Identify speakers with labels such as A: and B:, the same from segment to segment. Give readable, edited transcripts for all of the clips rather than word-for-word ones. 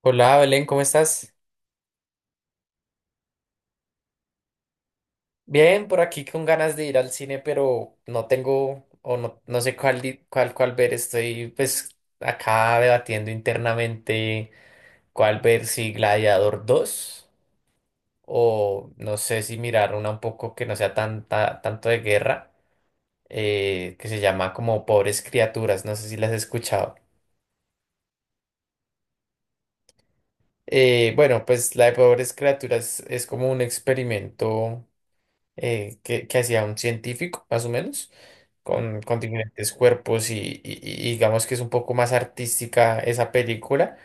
A: Hola Belén, ¿cómo estás? Bien, por aquí con ganas de ir al cine, pero no tengo o no, no sé cuál, cuál, cuál ver. Estoy pues acá debatiendo internamente cuál ver, si Gladiador dos o no sé si mirar una un poco que no sea tanta, tanto de guerra, que se llama como Pobres Criaturas, no sé si las has escuchado. Bueno, pues la de Pobres Criaturas es como un experimento que hacía un científico, más o menos, con diferentes cuerpos y digamos que es un poco más artística esa película,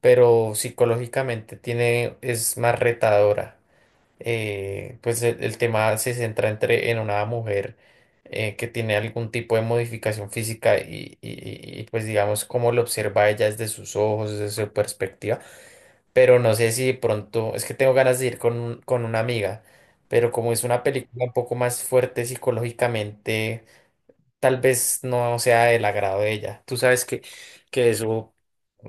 A: pero psicológicamente tiene, es más retadora. Pues el tema se centra en una mujer que tiene algún tipo de modificación física y, pues digamos cómo lo observa ella desde sus ojos, desde su perspectiva, pero no sé si de pronto, es que tengo ganas de ir con una amiga, pero como es una película un poco más fuerte psicológicamente, tal vez no sea del agrado de ella. Tú sabes que eso,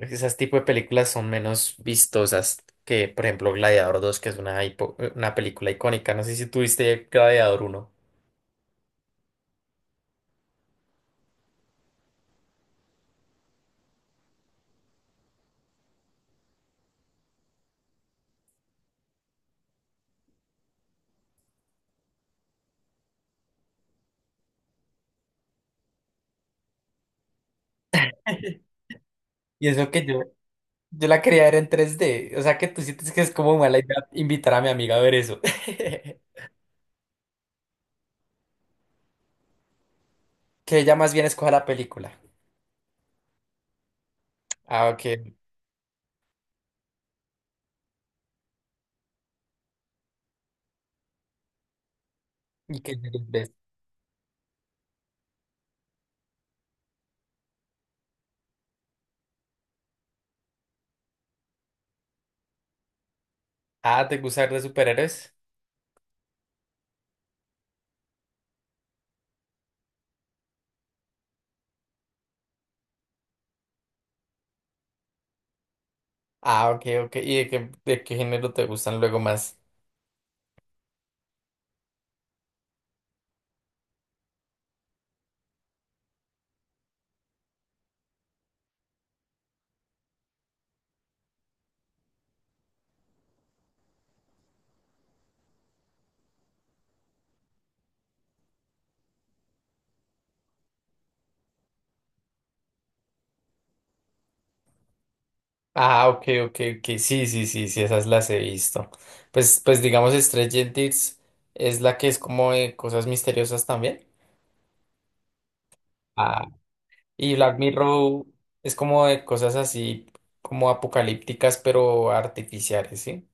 A: esas tipo de películas son menos vistosas que, por ejemplo, Gladiador dos, que es una, una película icónica. No sé si tuviste Gladiador uno. Y eso que yo la quería ver en 3D. O sea, ¿que tú sientes que es como mala idea invitar a mi amiga a ver eso? Que ella más bien escoja la película. Ah, ok. ¿Y qué ves? Ah, ¿te gusta ver de superhéroes? Ah, ok, ok. ¿Y de qué género te gustan luego más? Ah, ok, ok, ok. Sí, sí, sí, sí, esas las he visto. Pues, pues digamos, Stranger Things es la que es como de cosas misteriosas también. Ah. Y Black Mirror es como de cosas así, como apocalípticas, pero artificiales, ¿sí?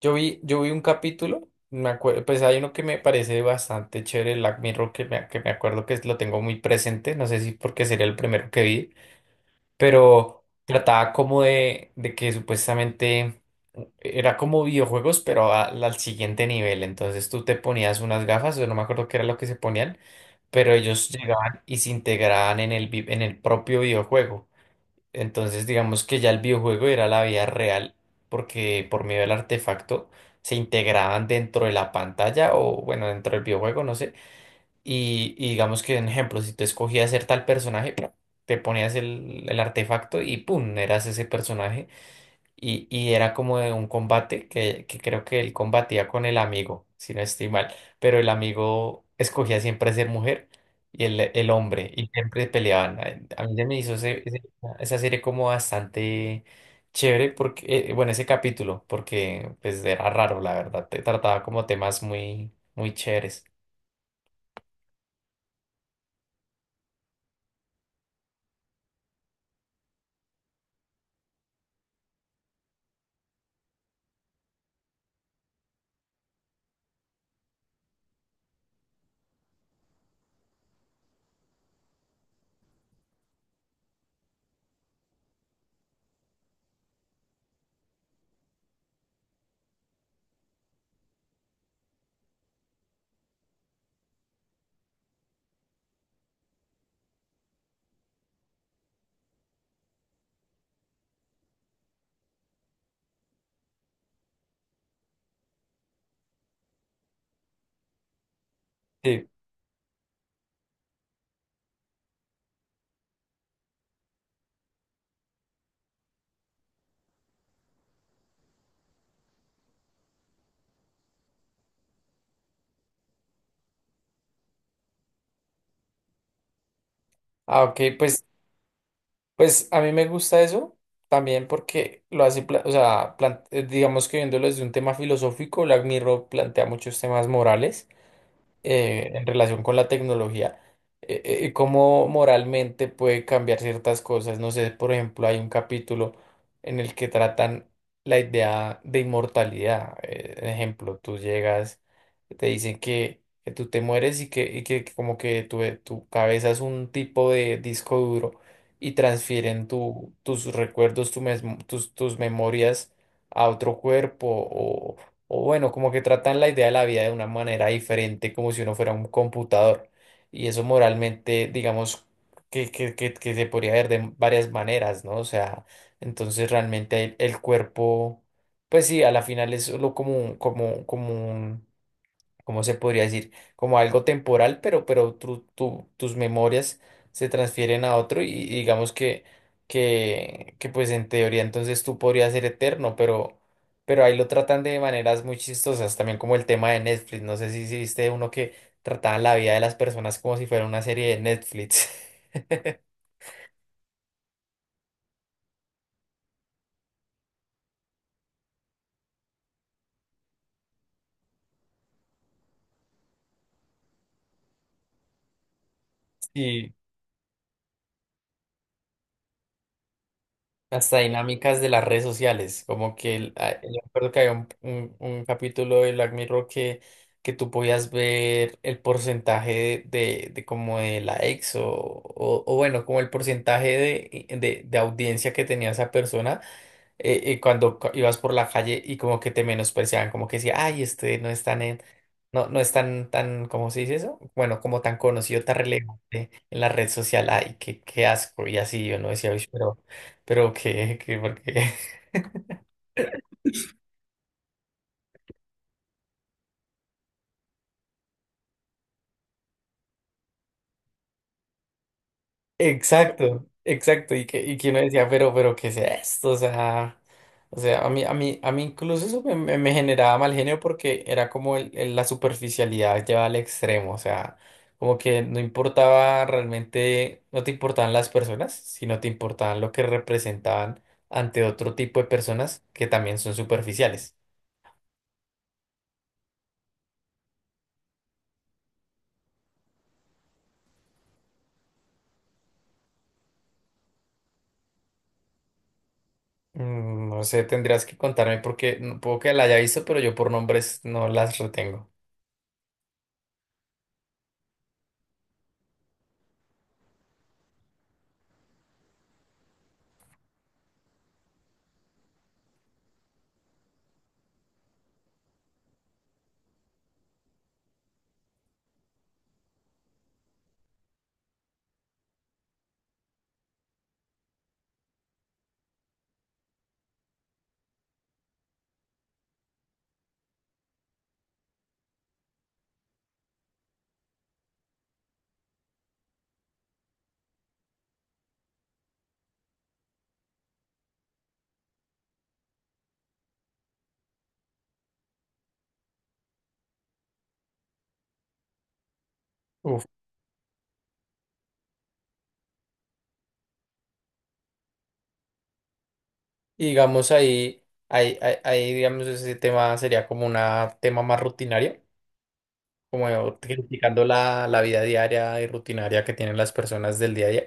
A: Yo vi un capítulo, me acuerdo, pues hay uno que me parece bastante chévere, Black Mirror, que me acuerdo que lo tengo muy presente, no sé si porque sería el primero que vi, pero trataba como de que supuestamente era como videojuegos, pero al siguiente nivel, entonces tú te ponías unas gafas, yo no me acuerdo qué era lo que se ponían, pero ellos llegaban y se integraban en el, en el propio videojuego. Entonces, digamos que ya el videojuego era la vida real, porque por medio del artefacto se integraban dentro de la pantalla o, bueno, dentro del videojuego, no sé. Y digamos que, en ejemplo, si tú escogías ser tal personaje, te ponías el artefacto y ¡pum!, eras ese personaje. Y era como de un combate que creo que él combatía con el amigo, si no estoy mal. Pero el amigo escogía siempre ser mujer y el hombre, y siempre peleaban. A mí se me hizo esa serie como bastante chévere, porque, bueno, ese capítulo, porque pues era raro, la verdad. Te trataba como temas muy, muy chéveres. Sí. Ah, ok, pues. Pues a mí me gusta eso también porque lo hace, o sea, digamos que viéndolo desde un tema filosófico, Black Mirror plantea muchos temas morales en relación con la tecnología, y cómo moralmente puede cambiar ciertas cosas. No sé, por ejemplo, hay un capítulo en el que tratan la idea de inmortalidad. Ejemplo, tú llegas, te dicen que tú te mueres y que como que tu cabeza es un tipo de disco duro y transfieren tu, tus recuerdos, tus, tus memorias a otro cuerpo o bueno, como que tratan la idea de la vida de una manera diferente, como si uno fuera un computador. Y eso moralmente, digamos, que se podría ver de varias maneras, ¿no? O sea, entonces realmente el cuerpo, pues sí, a la final es solo como, como, como un ¿cómo se podría decir? Como algo temporal, pero tus memorias se transfieren a otro y digamos que pues en teoría entonces tú podrías ser eterno, pero ahí lo tratan de maneras muy chistosas, también como el tema de Netflix, no sé si, si viste uno que trataban la vida de las personas como si fuera una serie de Netflix. Sí. Hasta dinámicas de las redes sociales, como que yo recuerdo que había un, un capítulo de Black Mirror que tú podías ver el porcentaje de como de likes o bueno, como el porcentaje de audiencia que tenía esa persona cuando ibas por la calle y como que te menospreciaban, como que decía, ay, este no es tan, no, no es tan, tan, ¿cómo se dice eso? Bueno, como tan conocido, tan relevante en la red social, ay, qué, qué asco, y así yo no decía, "Uy, pero qué, qué, ¿por qué?". Exacto, exacto, y que uno decía, pero, ¿qué es esto? O sea, a mí, a mí, a mí incluso eso me, me generaba mal genio porque era como la superficialidad llevada al extremo, o sea, como que no importaba realmente, no te importaban las personas, sino te importaban lo que representaban ante otro tipo de personas que también son superficiales. Mm, no sé, tendrías que contarme porque no puedo que la haya visto, pero yo por nombres no las retengo. Y digamos ahí, ahí, ahí, ahí, digamos, ese tema sería como un tema más rutinario, como criticando la, la vida diaria y rutinaria que tienen las personas del día a día.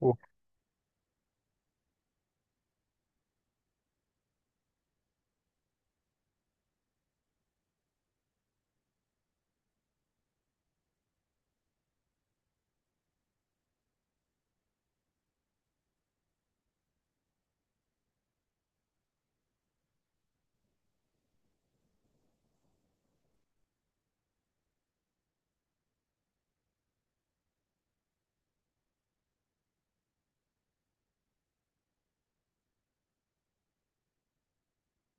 A: Uf,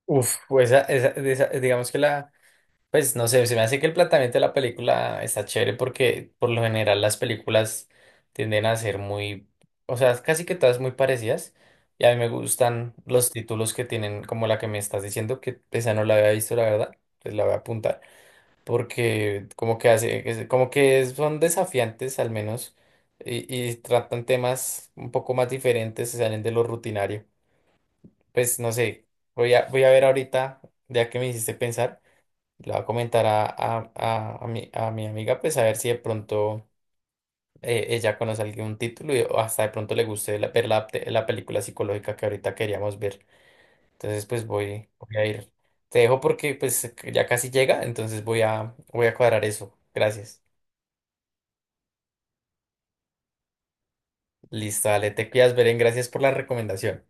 A: uf, pues digamos que la, pues no sé, se me hace que el planteamiento de la película está chévere porque por lo general las películas tienden a ser muy, o sea, casi que todas muy parecidas. Y a mí me gustan los títulos que tienen, como la que me estás diciendo, que esa no la había visto, la verdad, pues la voy a apuntar. Porque como que hace, como que son desafiantes al menos y tratan temas un poco más diferentes, se salen de lo rutinario. Pues no sé, voy a, voy a ver ahorita, ya que me hiciste pensar, le voy a comentar a mi amiga, pues a ver si de pronto ella conoce algún título y, o hasta de pronto le guste ver la, la película psicológica que ahorita queríamos ver. Entonces pues voy, voy a ir. Te dejo porque pues ya casi llega, entonces voy a, voy a cuadrar eso. Gracias. Listo, dale, te cuidas, Beren, gracias por la recomendación.